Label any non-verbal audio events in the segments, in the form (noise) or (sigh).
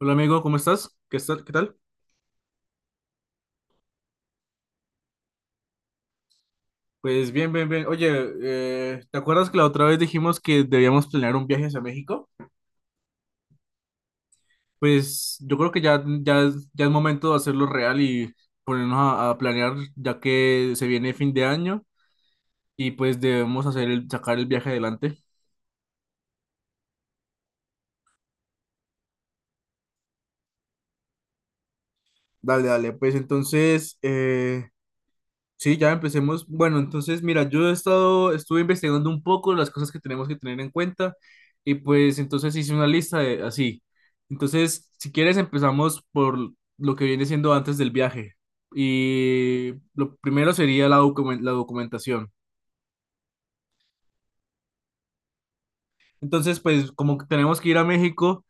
Hola amigo, ¿cómo estás? ¿Qué tal? Pues bien, bien, bien. Oye, ¿te acuerdas que la otra vez dijimos que debíamos planear un viaje hacia México? Pues yo creo que ya es momento de hacerlo real y ponernos a planear ya que se viene fin de año y pues debemos sacar el viaje adelante. Dale, dale, pues entonces sí, ya empecemos. Bueno, entonces, mira, estuve investigando un poco las cosas que tenemos que tener en cuenta y pues entonces hice una lista de así. Entonces, si quieres, empezamos por lo que viene siendo antes del viaje. Y lo primero sería la documentación. Entonces, pues como que tenemos que ir a México,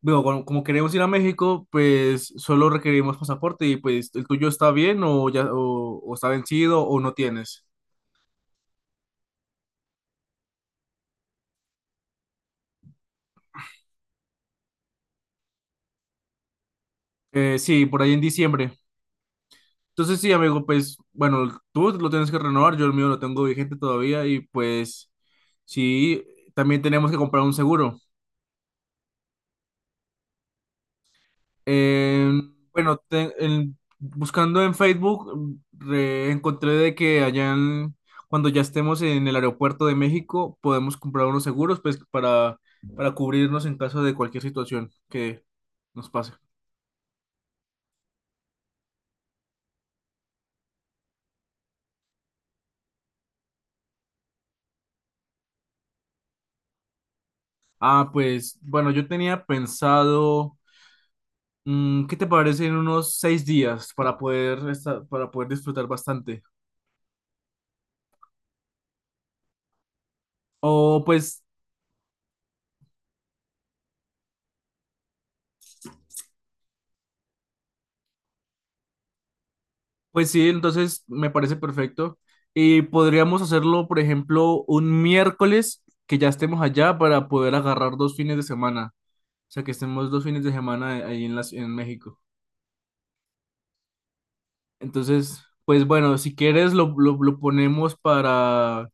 bueno, como, como queremos ir a México, pues solo requerimos pasaporte. Y pues el tuyo, ¿está bien o ya o está vencido o no tienes? Sí, por ahí en diciembre. Entonces sí, amigo, pues bueno, tú lo tienes que renovar, yo el mío lo tengo vigente todavía y pues sí, también tenemos que comprar un seguro. Eh, bueno, buscando en Facebook, encontré de que cuando ya estemos en el aeropuerto de México, podemos comprar unos seguros pues para cubrirnos en caso de cualquier situación que nos pase. Ah, pues bueno, yo tenía pensado... ¿qué te parece en unos 6 días para poder disfrutar bastante? O pues, pues sí, entonces me parece perfecto. Y podríamos hacerlo, por ejemplo, un miércoles que ya estemos allá para poder agarrar dos fines de semana. O sea, que estemos dos fines de semana ahí en en México. Entonces, pues bueno, si quieres lo ponemos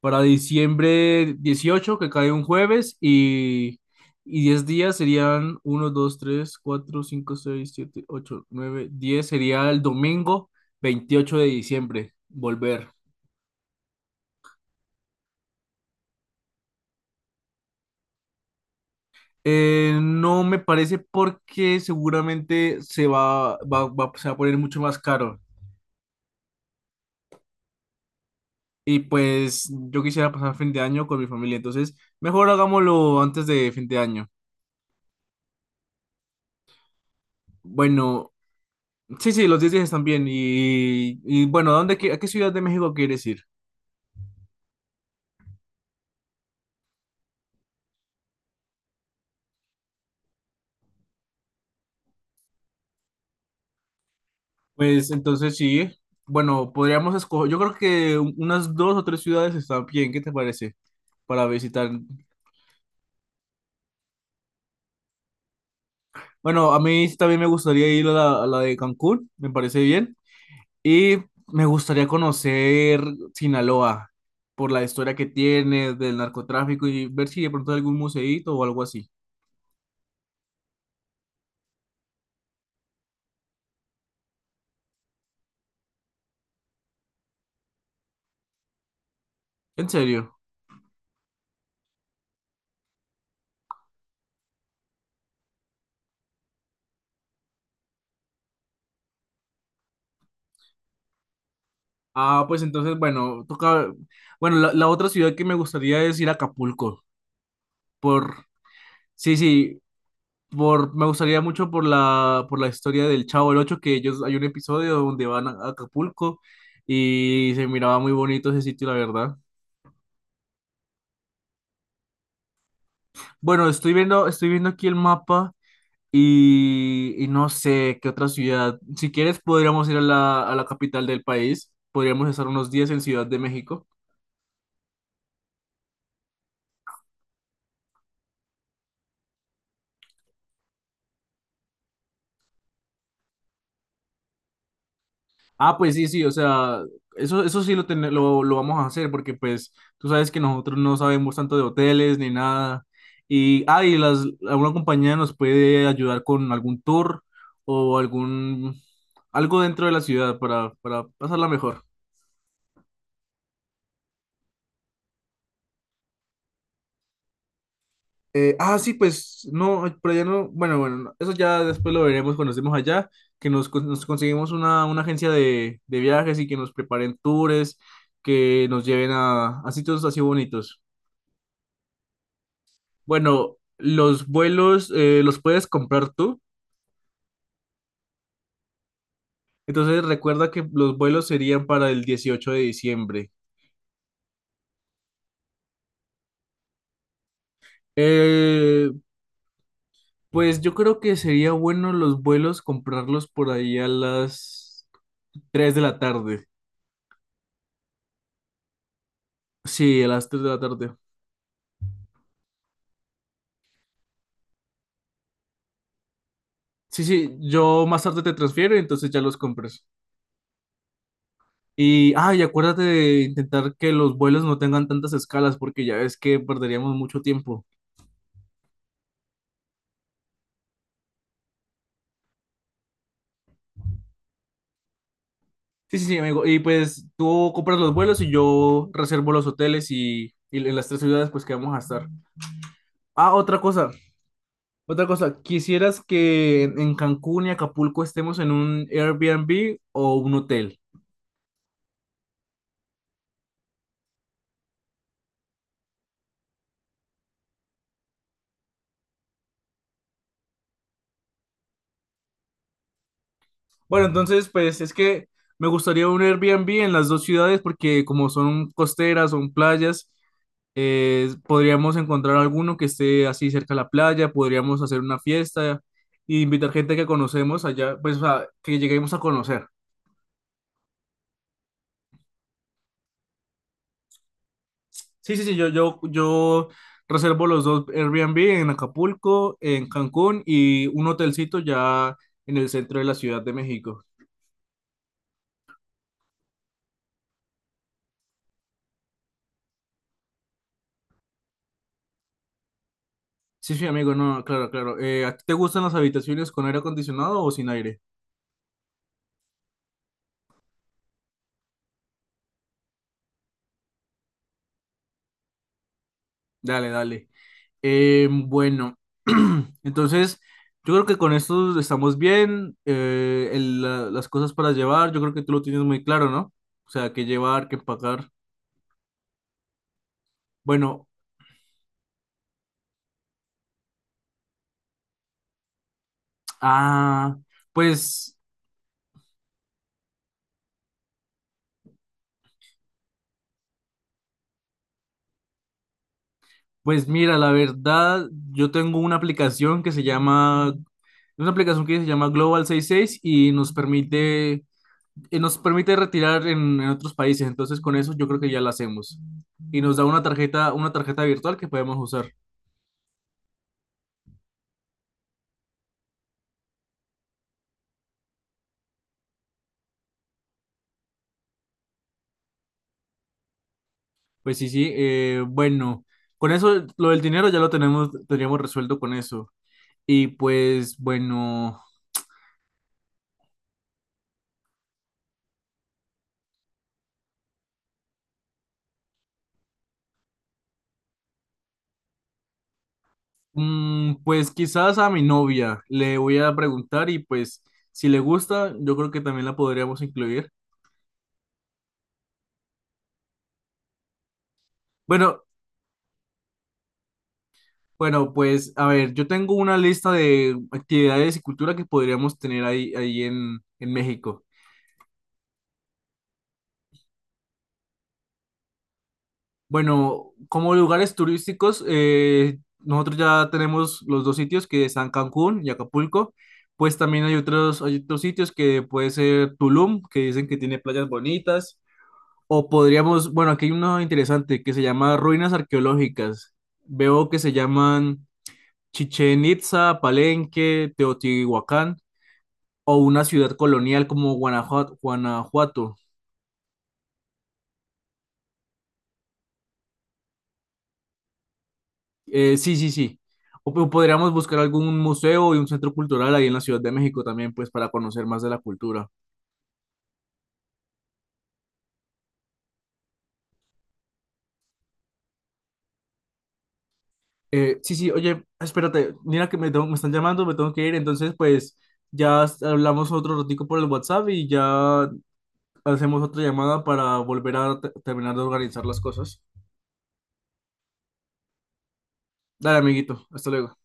para diciembre 18, que cae un jueves, y 10 días serían uno 2 3 4 5 6 7 8 9 diez. Sería el domingo 28 de diciembre, volver. No me parece porque seguramente se va a poner mucho más caro. Y pues yo quisiera pasar fin de año con mi familia, entonces mejor hagámoslo antes de fin de año. Bueno, sí, sí, los 10 días están bien. Y bueno, ¿a qué ciudad de México quieres ir? Pues entonces sí, bueno, podríamos escoger, yo creo que unas dos o tres ciudades están bien, ¿qué te parece? Para visitar. Bueno, a mí sí también me gustaría ir a a la de Cancún, me parece bien. Y me gustaría conocer Sinaloa por la historia que tiene del narcotráfico y ver si de pronto hay algún museíto o algo así. ¿En serio? Ah, pues entonces, bueno, toca. Bueno, la otra ciudad que me gustaría es ir a Acapulco. Por. Sí, sí. Por, me gustaría mucho por por la historia del Chavo del Ocho, que ellos hay un episodio donde van a Acapulco y se miraba muy bonito ese sitio, la verdad. Bueno, estoy viendo aquí el mapa y no sé qué otra ciudad. Si quieres, podríamos ir a a la capital del país. Podríamos estar unos días en Ciudad de México. Ah, pues sí, sí, o sea, eso sí lo vamos a hacer porque pues tú sabes que nosotros no sabemos tanto de hoteles ni nada. Y, ah, y alguna compañía nos puede ayudar con algún tour o algún, algo dentro de la ciudad para pasarla mejor. Ah, sí, pues no, pero ya no, bueno, bueno, no, eso ya después lo veremos cuando estemos allá, que nos conseguimos una agencia de viajes y que nos preparen tours, que nos lleven a sitios así bonitos. Bueno, los vuelos los puedes comprar tú. Entonces recuerda que los vuelos serían para el 18 de diciembre. Eh, pues yo creo que sería bueno los vuelos comprarlos por ahí a las 3 de la tarde. Sí, a las 3 de la tarde. Sí, sí, yo más tarde te transfiero y entonces ya los compras. Y, ah, y acuérdate de intentar que los vuelos no tengan tantas escalas porque ya ves que perderíamos mucho tiempo. Sí, sí, sí, amigo. Y pues tú compras los vuelos y yo reservo los hoteles y en las tres ciudades pues que vamos a estar. Ah, otra cosa, otra cosa. ¿Quisieras que en Cancún y Acapulco estemos en un Airbnb o un hotel? Bueno, entonces pues es que me gustaría un Airbnb en las dos ciudades porque como son costeras, son playas, podríamos encontrar alguno que esté así cerca de la playa, podríamos hacer una fiesta e invitar gente que conocemos allá, pues o sea, que lleguemos a conocer. Sí, sí, sí, yo reservo los dos Airbnb en Acapulco, en Cancún y un hotelcito ya en el centro de la Ciudad de México. Sí, sí, amigo, no, claro, claro. ¿A ti te gustan las habitaciones con aire acondicionado o sin aire? Dale, dale. Bueno, (clears throat) entonces yo creo que con esto estamos bien. Las cosas para llevar, yo creo que tú lo tienes muy claro, ¿no? O sea, qué llevar, qué empacar. Bueno, ah, pues. Pues mira, la verdad, yo tengo una aplicación que se llama Global 66 y nos permite retirar en otros países. Entonces, con eso yo creo que ya la hacemos. Y nos da una tarjeta virtual que podemos usar. Pues sí, sí. Bueno, con eso, lo del dinero ya lo tenemos, teníamos resuelto con eso. Y pues, bueno, pues quizás a mi novia le voy a preguntar y pues, si le gusta, yo creo que también la podríamos incluir. Bueno, bueno, pues a ver, yo tengo una lista de actividades y cultura que podríamos tener ahí, ahí en México. Bueno, como lugares turísticos, nosotros ya tenemos los dos sitios que están Cancún y Acapulco. Pues también hay otros sitios que puede ser Tulum, que dicen que tiene playas bonitas. O podríamos, bueno, aquí hay uno interesante que se llama ruinas arqueológicas. Veo que se llaman Chichen Itza, Palenque, Teotihuacán. O una ciudad colonial como Guanajuato. Guanajuato. Sí, sí, sí. O, podríamos buscar algún museo y un centro cultural ahí en la Ciudad de México también, pues para conocer más de la cultura. Sí, sí, oye, espérate, mira que me están llamando, me tengo que ir, entonces pues hablamos otro ratico por el WhatsApp y ya hacemos otra llamada para volver terminar de organizar las cosas. Dale, amiguito, hasta luego.